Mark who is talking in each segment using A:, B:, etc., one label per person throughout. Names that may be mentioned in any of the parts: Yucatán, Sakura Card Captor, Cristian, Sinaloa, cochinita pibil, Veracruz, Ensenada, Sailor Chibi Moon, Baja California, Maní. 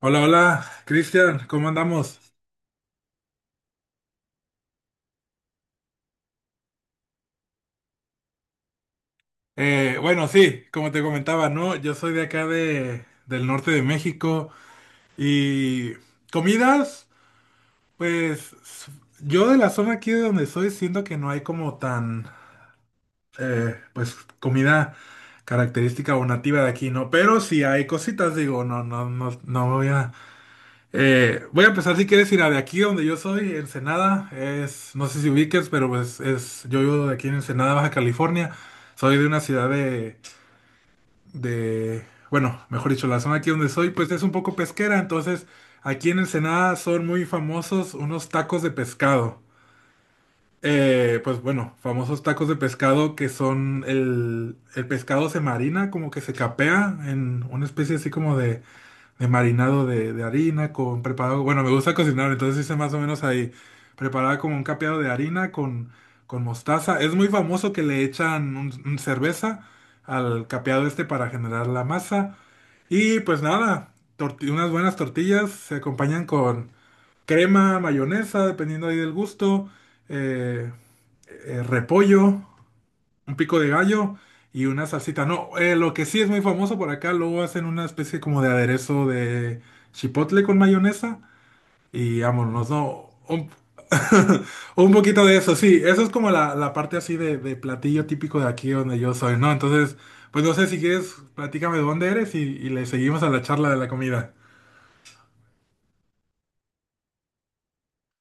A: Hola, hola, Cristian, ¿cómo andamos? Bueno, sí, como te comentaba, ¿no? Yo soy de acá del norte de México y comidas, pues s- yo de la zona aquí de donde soy siento que no hay como tan, pues comida característica o nativa de aquí, ¿no? Pero sí hay cositas, digo, no, no, no, voy a empezar si quieres ir a de aquí donde yo soy, Ensenada, es, no sé si ubiques, pero pues es, yo vivo de aquí en Ensenada, Baja California, soy de una ciudad de, bueno, mejor dicho, la zona aquí donde soy, pues es un poco pesquera, entonces aquí en Ensenada son muy famosos unos tacos de pescado. Bueno, famosos tacos de pescado que son el pescado se marina, como que se capea en una especie así como de marinado de harina con preparado. Bueno, me gusta cocinar, entonces hice más o menos ahí preparaba como un capeado de harina con mostaza. Es muy famoso que le echan un cerveza al capeado este para generar la masa. Y pues nada, unas buenas tortillas se acompañan con crema, mayonesa, dependiendo ahí del gusto, eh, repollo, un pico de gallo y una salsita. No, lo que sí es muy famoso por acá, luego hacen una especie como de aderezo de chipotle con mayonesa y vámonos, ¿no? Un, un poquito de eso, sí, eso es como la parte así de platillo típico de aquí donde yo soy, ¿no? Entonces, pues no sé si quieres, platícame de dónde eres y le seguimos a la charla de la comida.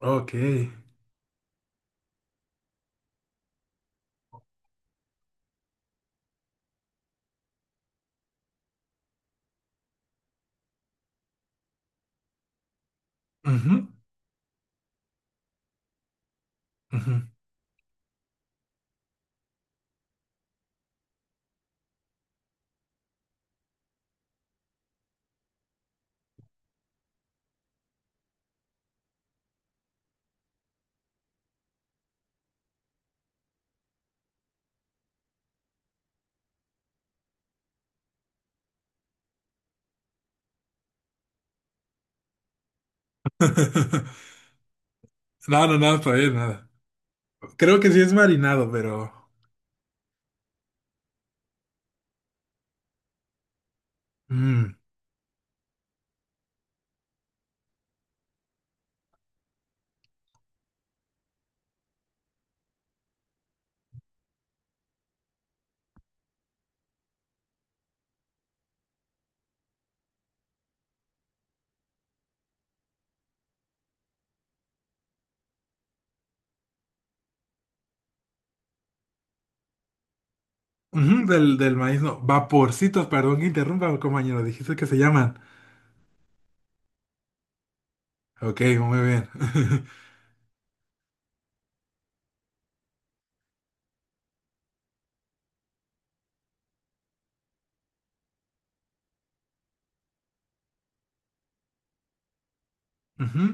A: Ok. Ujú, ujú. No, no, no, está bien, nada. Creo que sí es marinado, pero... Mm. Ujú, del maíz, no, vaporcitos, perdón que interrumpa, compañero, dijiste que se llaman. Ok, muy bien. Ujú,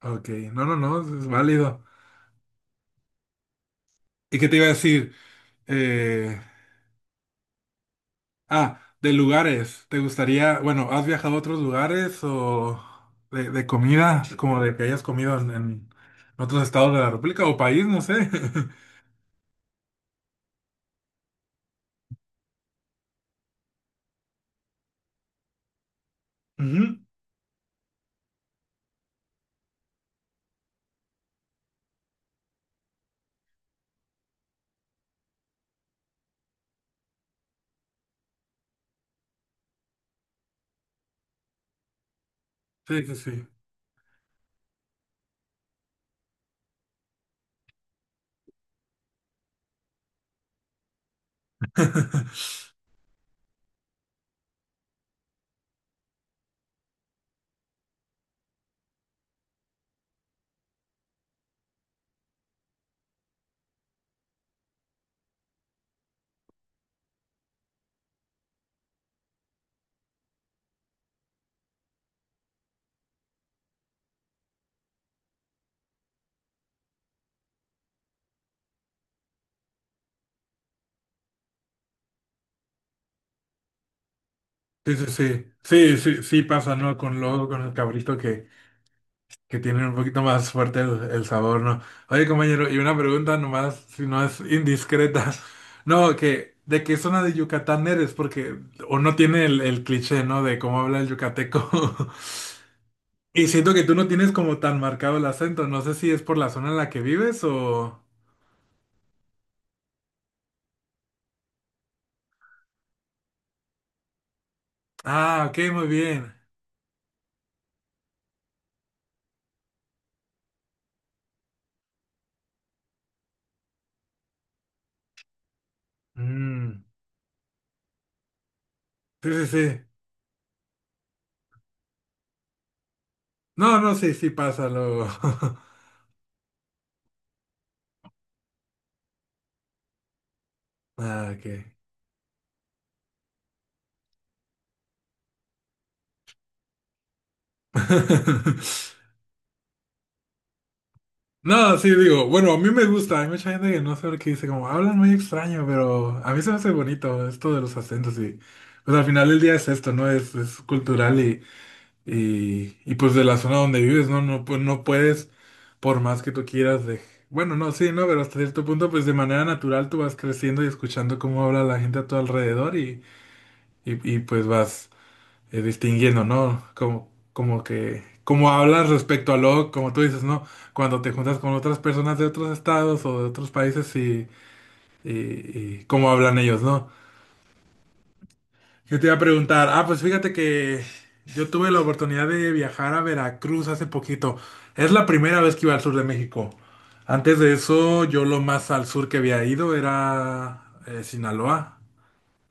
A: ok, no, no, no, es válido. ¿Y qué te iba a decir? Eh, ah, de lugares, ¿te gustaría, bueno, has viajado a otros lugares o de comida, como de que hayas comido en otros estados de la República o país, no sé? Ujú, sí, sí, sí. Sí, sí, sí. Sí, sí, sí pasa, ¿no? Con luego con el cabrito que tienen un poquito más fuerte el sabor, ¿no? Oye, compañero, y una pregunta nomás, si no es indiscreta. No, que ¿de qué zona de Yucatán eres? Porque uno tiene el cliché, ¿no? De cómo habla el yucateco. Y siento que tú no tienes como tan marcado el acento. No sé si es por la zona en la que vives o... Ah, ok, muy bien. Mm, sí, sí, sí. No, no, sí, sí pasa luego. Ah, ok. No, sí, digo, bueno, a mí me gusta, hay mucha gente que no sabe qué dice, como hablan muy extraño, pero a mí se me hace bonito esto de los acentos y pues al final del día es esto, ¿no? Es cultural y pues de la zona donde vives, ¿no? No, no puedes, por más que tú quieras, de... Bueno, no, sí, ¿no? Pero hasta cierto punto, pues de manera natural tú vas creciendo y escuchando cómo habla la gente a tu alrededor y pues vas distinguiendo, ¿no? Como, como que, como hablas respecto a lo, como tú dices, ¿no? Cuando te juntas con otras personas de otros estados o de otros países y cómo hablan ellos, ¿no? Yo te iba a preguntar, pues fíjate que yo tuve la oportunidad de viajar a Veracruz hace poquito. Es la primera vez que iba al sur de México. Antes de eso, yo lo más al sur que había ido era Sinaloa.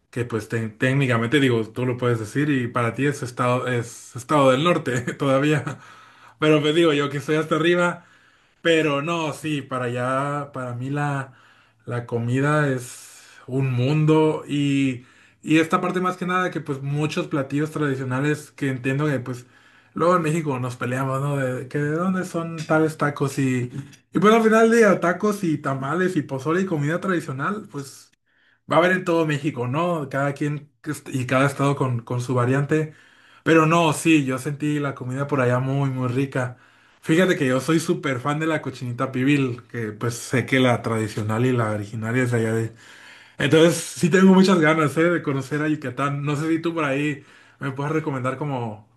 A: Que pues técnicamente digo, tú lo puedes decir y para ti es estado del norte todavía. Pero pues digo yo que estoy hasta arriba. Pero no, sí, para allá, para mí la comida es un mundo. Y esta parte más que nada que pues muchos platillos tradicionales que entiendo que pues luego en México nos peleamos, ¿no? De que de dónde son tales tacos y pues al final del día tacos y tamales y pozole y comida tradicional, pues... Va a haber en todo México, ¿no? Cada quien y cada estado con su variante. Pero no, sí, yo sentí la comida por allá muy, muy rica. Fíjate que yo soy súper fan de la cochinita pibil, que pues sé que la tradicional y la originaria es de allá de... Entonces sí tengo muchas ganas, ¿eh? De conocer a Yucatán. No sé si tú por ahí me puedes recomendar como...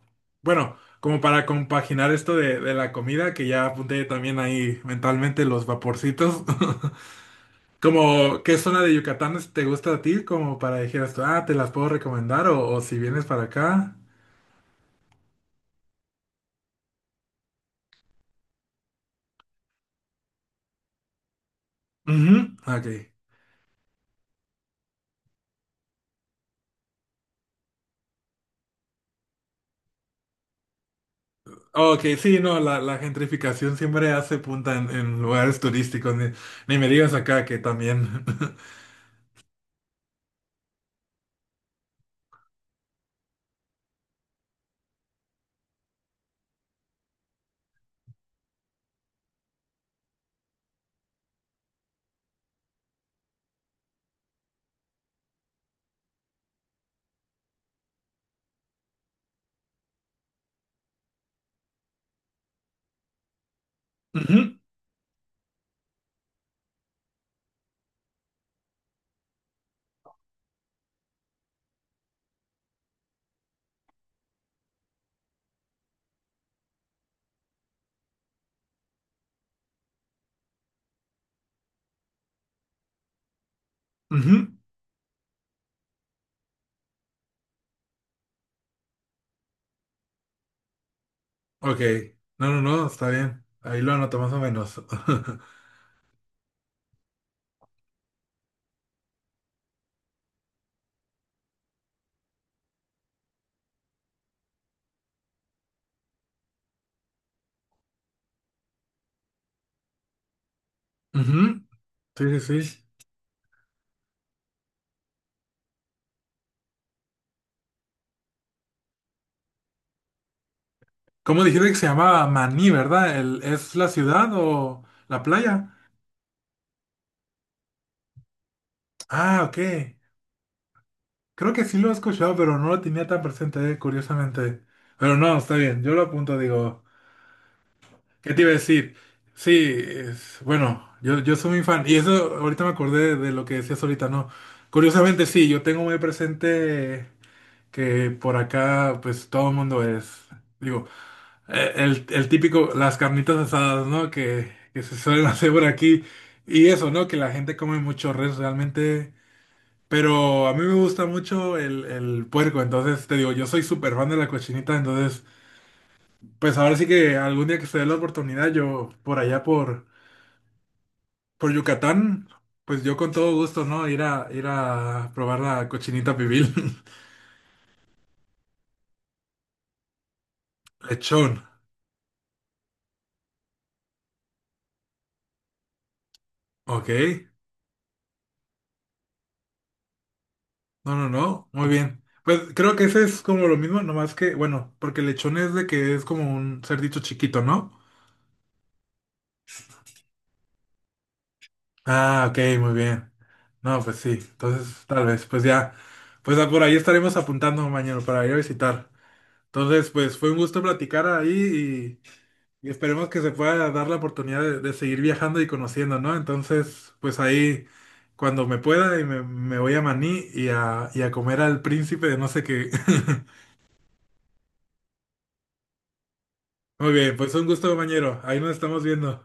A: Bueno, como para compaginar esto de la comida, que ya apunté también ahí mentalmente los vaporcitos. Como, ¿qué zona de Yucatán te gusta a ti? Como para dijeras tú, ah, te las puedo recomendar o si vienes para acá. Ujú. Ok. Ok, sí, no, la gentrificación siempre hace punta en lugares turísticos. Ni, ni me digas acá que también. Ujú, ujú, ok. No, no, no, está bien. Ahí lo anoto más o menos. Ujú, sí, sí, sí. ¿Cómo dijiste que se llamaba Maní, verdad? El, ¿es la ciudad o la playa? Ah, ok. Creo que sí lo he escuchado, pero no lo tenía tan presente, curiosamente. Pero no, está bien, yo lo apunto, digo, ¿qué te iba a decir? Sí, bueno, yo soy muy fan. Y eso, ahorita me acordé de lo que decías ahorita, ¿no? Curiosamente, sí, yo tengo muy presente que por acá, pues todo el mundo es, digo, el típico, las carnitas asadas, ¿no? Que se suelen hacer por aquí. Y eso, ¿no? Que la gente come mucho res, realmente. Pero a mí me gusta mucho el puerco, entonces te digo, yo soy súper fan de la cochinita, entonces pues ahora sí que algún día que se dé la oportunidad, yo por allá por Yucatán, pues yo con todo gusto, ¿no? Ir a, ir a probar la cochinita pibil. Lechón, ok. No, no, no, muy bien. Pues creo que ese es como lo mismo, nomás que, bueno, porque lechón es de que es como un cerdito chiquito, ¿no? Ah, ok, muy bien. No, pues sí, entonces tal vez, pues ya, por ahí estaremos apuntando mañana para ir a visitar. Entonces, pues fue un gusto platicar ahí y esperemos que se pueda dar la oportunidad de seguir viajando y conociendo, ¿no? Entonces, pues ahí, cuando me pueda, y me voy a Maní y a comer al príncipe de no sé qué. Muy bien, pues un gusto, compañero. Ahí nos estamos viendo.